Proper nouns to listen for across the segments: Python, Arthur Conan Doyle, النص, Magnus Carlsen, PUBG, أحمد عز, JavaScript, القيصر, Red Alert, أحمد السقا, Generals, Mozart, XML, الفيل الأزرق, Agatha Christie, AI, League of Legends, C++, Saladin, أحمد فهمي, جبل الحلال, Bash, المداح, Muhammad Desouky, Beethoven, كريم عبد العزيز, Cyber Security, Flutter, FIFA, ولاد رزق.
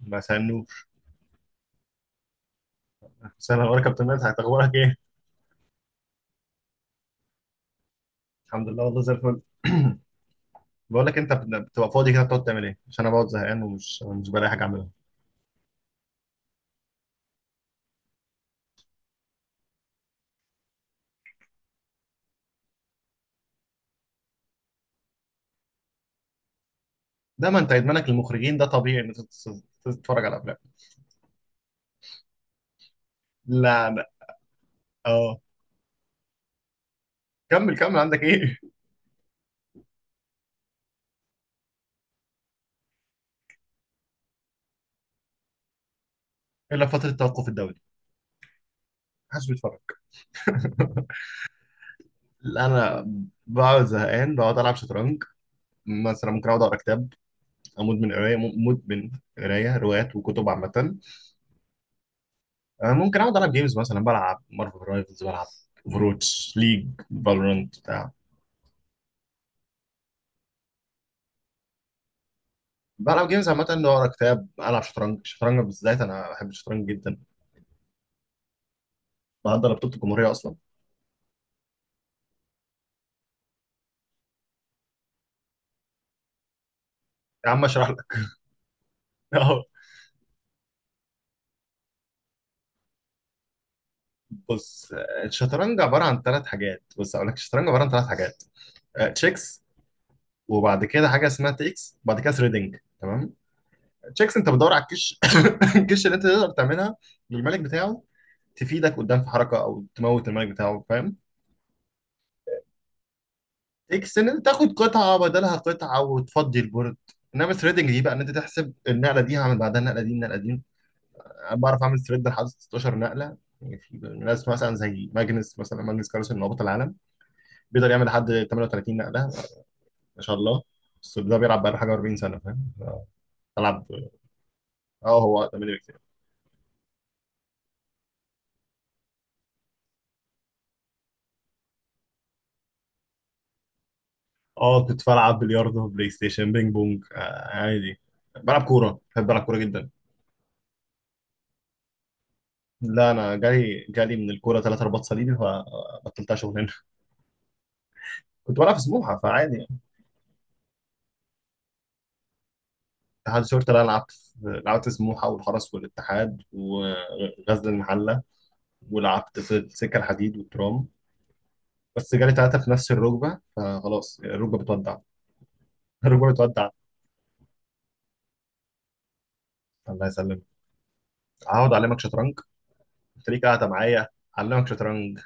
ما سألنوش سنة، أنا كابتن مات، أخبارك إيه؟ الحمد لله، والله زي الفل. بقول لك أنت بتبقى فاضي كده بتقعد تعمل إيه؟ عشان أنا بقعد زهقان ومش مش بلاقي حاجة أعملها. ده ما أنت إدمانك للمخرجين ده طبيعي إن أنت تتفرج على أفلام. لا. أه. كمل كمل، عندك إيه؟ إلا فترة التوقف الدولي محدش بيتفرج. لا أنا بقعد زهقان، بقعد ألعب شطرنج. مثلا ممكن أقعد أقرأ كتاب، أموت من قراية، مدمن قراية روايات وكتب عامة. ممكن اقعد العب جيمز، مثلا بلعب مارفل رايفلز، بلعب فروتش ليج، فالورانت بتاع. بلعب جيمز عامة، إني اقرا كتاب، العب شطرنج. الشطرنج بالذات انا بحب الشطرنج جدا، بحضر بطولة الجمهورية اصلا. يا عم اشرح لك. أهو. بص، الشطرنج عبارة عن ثلاث حاجات. بص اقول لك، الشطرنج عبارة عن ثلاث حاجات: تشيكس، وبعد كده حاجة اسمها تيكس، وبعد كده ثريدنج. تمام. تشيكس انت بتدور على الكش. الكش اللي انت تقدر تعملها للملك بتاعه، تفيدك قدام في حركة او تموت الملك بتاعه، فاهم. اكس ان انت تاخد قطعه بدلها قطعه وتفضي البورد. انما ثريدنج دي بقى ان انت تحسب النقله دي هعمل بعدها النقله دي النقله دي. انا بعرف اعمل ثريد لحد 16 نقله. يعني في ناس مثلا زي ماجنس، مثلا ماجنس كارلسن من هبوط العالم بيقدر يعمل لحد 38 نقله. ما شاء الله. بس ده بيلعب بقاله حاجه 40 سنه، فاهم. بلعب. اه هو اقدم مني بكتير. اه، كنت بلعب بلياردو، بلاي ستيشن، بينج بونج، آه عادي. بلعب كوره، بحب العب كوره جدا. لا انا جالي من الكوره ثلاث رباط صليبي فبطلتها شغلانه. كنت بلعب في سموحه فعادي يعني. اتحاد الشرطه، لا لعبت في سموحه والحرس والاتحاد وغزل المحله، ولعبت في السكه الحديد والترام. بس جالي ثلاثه في نفس الركبه فخلاص الركبه بتودع. الركبه بتودع. الله يسلمك. هقعد اعلمك شطرنج. قلت ليك قاعده معايا، اعلمك شطرنج.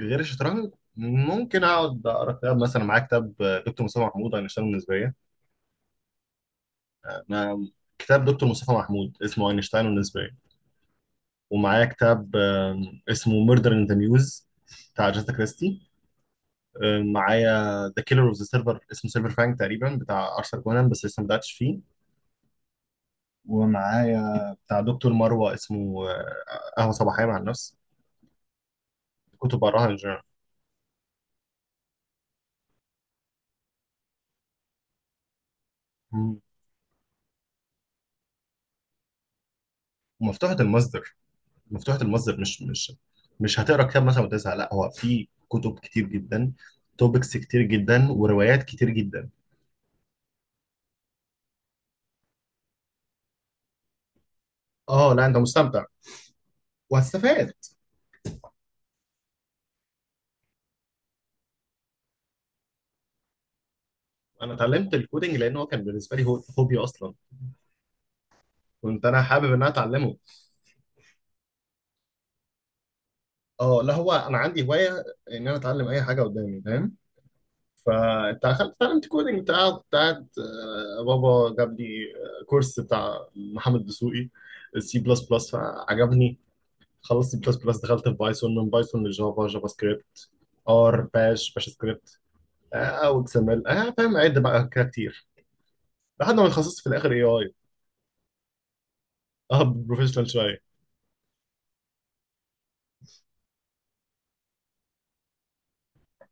غير الشطرنج ممكن اقعد اقرا كتاب، مثلا معايا كتاب دكتور مصطفى محمود، اينشتاين والنسبيه. انا كتاب دكتور مصطفى محمود اسمه اينشتاين والنسبيه. ومعايا كتاب اسمه ميردر ان ذا ميوز بتاع جاتا كريستي. معايا ذا كيلر اوف ذا سيلفر، اسمه سيلفر فانك تقريبا، بتاع ارثر كونان، بس لسه ما بداتش فيه. وبتاع دكتور مروه، اسمه قهوه صباحيه مع النفس. كتب بقراها ان جنرال. مم. ومفتوحه المصدر، مفتوحه المصدر، مش. مش هتقرا كتاب مثلا وتزهق، لا هو في كتب كتير جدا، توبكس كتير جدا، وروايات كتير جدا. اه لا انت مستمتع وهتستفاد. انا اتعلمت الكودينج لان هو كان بالنسبه لي هو هوبي اصلا، كنت انا حابب ان انا اتعلمه. اه لا هو انا عندي هوايه ان انا اتعلم اي حاجه قدامي، فاهم. فانت دخلت اتعلمت كودنج، انت كنت قاعد بابا جاب لي كورس بتاع محمد دسوقي، سي بلس بلس، فعجبني. خلصت سي بلس بلس دخلت في بايثون، من بايثون لجافا، جافا سكريبت، ار باش، باش سكريبت، او اكس ام ال، اه فاهم، عد بقى كده كتير لحد ما اتخصصت في الاخر اي اي. اه بروفيشنال شويه.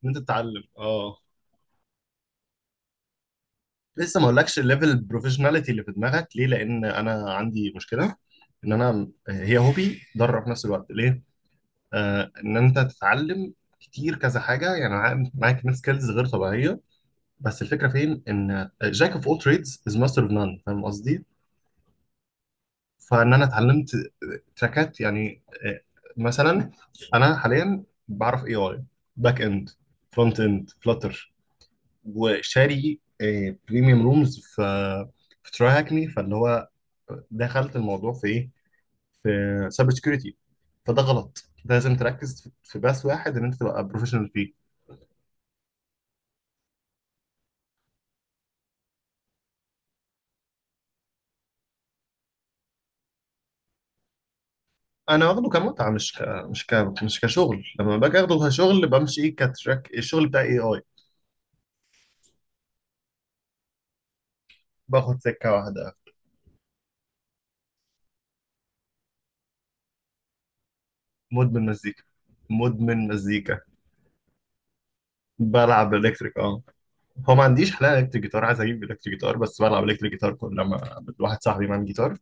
ان انت تتعلم. اه لسه ما اقولكش الليفل البروفيشناليتي اللي في دماغك ليه، لان انا عندي مشكله ان انا هي هوبي ضرر في نفس الوقت، ليه. آه ان انت تتعلم كتير كذا حاجه، يعني معاك كمية سكيلز غير طبيعيه. بس الفكره فين، ان جاك اوف اول تريدز از ماستر اوف نان، فاهم قصدي. فان انا اتعلمت تراكات يعني آه، مثلا انا حاليا بعرف اي اي، باك اند، فرونت اند، فلاتر، وشاري بريميوم رومز في في تراي هاكني فاللي هو دخلت الموضوع في ايه، في سايبر سكيورتي. فده غلط، ده لازم تركز في بس واحد ان انت تبقى بروفيشنال فيه. انا واخده كمتعه، مش كشغل. لما باجي اخده كشغل بمشي ايه، كتراك الشغل بتاع اي اي. باخد سكه واحده. مدمن مزيكا. مدمن مزيكا. بلعب الكتريك اه، هو ما عنديش حلقه الكتريك جيتار، عايز اجيب الكتريك جيتار، بس بلعب الكتريك جيتار كل لما واحد صاحبي معاه جيتار.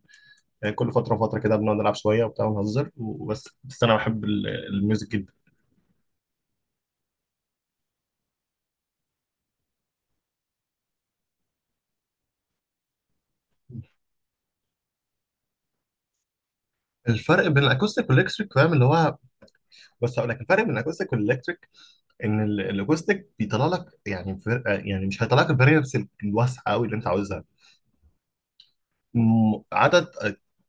يعني كل فترة وفترة كده بنقعد نلعب شوية وبتاع ونهزر، بس أنا بحب الميوزك جدا. الفرق بين الأكوستيك والإلكتريك، فاهم اللي هو، بس هقول لك الفرق بين الأكوستيك والإلكتريك، إن الأكوستيك بيطلع لك يعني يعني مش هيطلع لك الفاريبلز الواسعة أوي اللي أنت عاوزها. عدد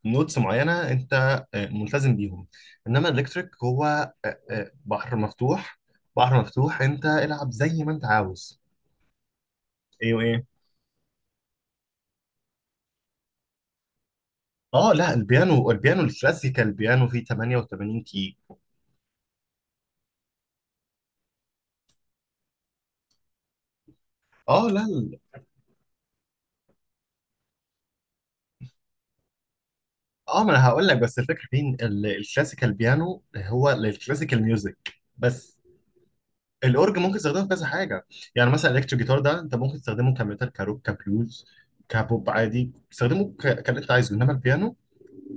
نوتس معينة أنت ملتزم بيهم. إنما الإلكتريك هو بحر مفتوح. بحر مفتوح، أنت العب زي ما أنت عاوز. ايوه ايه. اه لا البيانو، البيانو الكلاسيكال، البيانو فيه 88. اه لا ال- اه ما انا هقول لك بس الفكره فين، الكلاسيكال بيانو هو للكلاسيكال ميوزك بس. الاورج ممكن تستخدمه في كذا حاجه. يعني مثلا الكتريك جيتار ده انت ممكن تستخدمه كميتال، كروك، كبلوز، كبوب، عادي تستخدمه كاللي انت عايزه. انما البيانو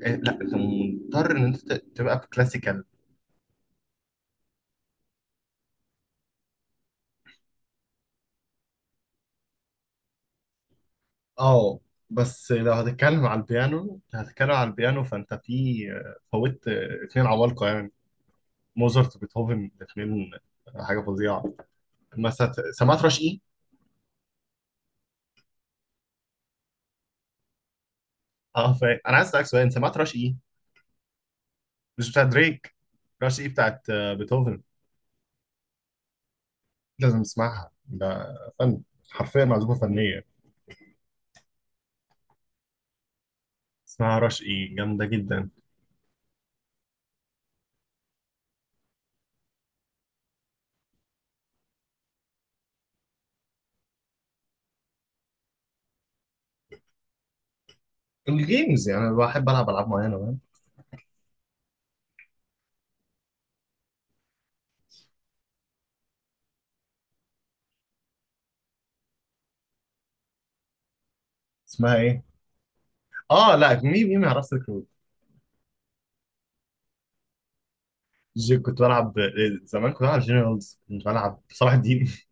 لا انت مضطر ان انت تبقى في كلاسيكال. اه بس لو هتتكلم على البيانو، هتتكلم على البيانو فانت في فوت اتنين عمالقه يعني، موزارت وبيتهوفن، الاتنين حاجه فظيعه. مثلا سمعت رش. اه فاهم، انا عايز اسالك سؤال، انت سمعت رش ايه؟ مش بتاعت دريك، رش ايه بتاعت بيتهوفن. لازم تسمعها، ده فن، حرفيا معزوفه فنيه، اسمها رش ايه، جامده جدا. الجيمز يعني انا بحب العب العاب معينه، فاهم. اسمها ايه؟ اه لا، مين مين ما يعرفش الكروت. جي كنت بلعب زمان كنت بلعب جنرالز، كنت بلعب صلاح الدين.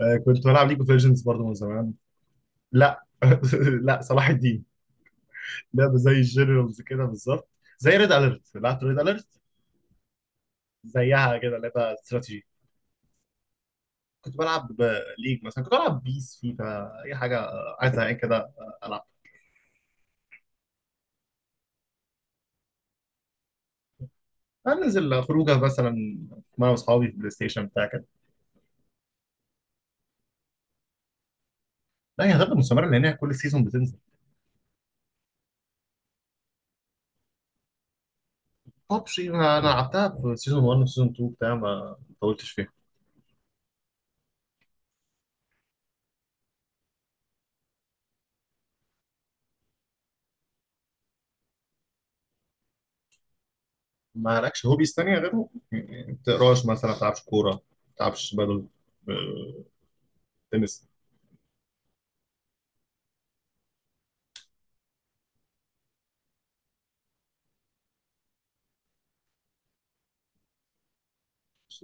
كنت بلعب ليج اوف ليجندز برضه من زمان. لا لا صلاح الدين. لعبه زي الجنرالز كده بالظبط، زي ريد اليرت، لعبت ريد اليرت. زيها كده لعبه استراتيجي. كنت بلعب ليج، مثلا كنت بلعب بيس، فيفا، اي حاجه عايز زهقان كده العب. انزل خروجه مثلا مع اصحابي في بلاي ستيشن بتاع كده. لا هي هتفضل مستمره لان هي كل سيزون بتنزل. ببجي انا، أنا لعبتها في سيزون 1 وسيزون 2 بتاع، ما طولتش فيها. ما لكش هوبيز تانية غيره؟ يعني ما بتقراش مثلا، ما بتلعبش كوره، ما بتلعبش بدل آه، تنس.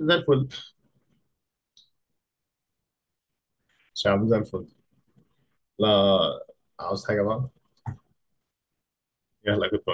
زي الفل. شعب زي الفل. لا. عاوز حاجه بقى؟ يلا كنت.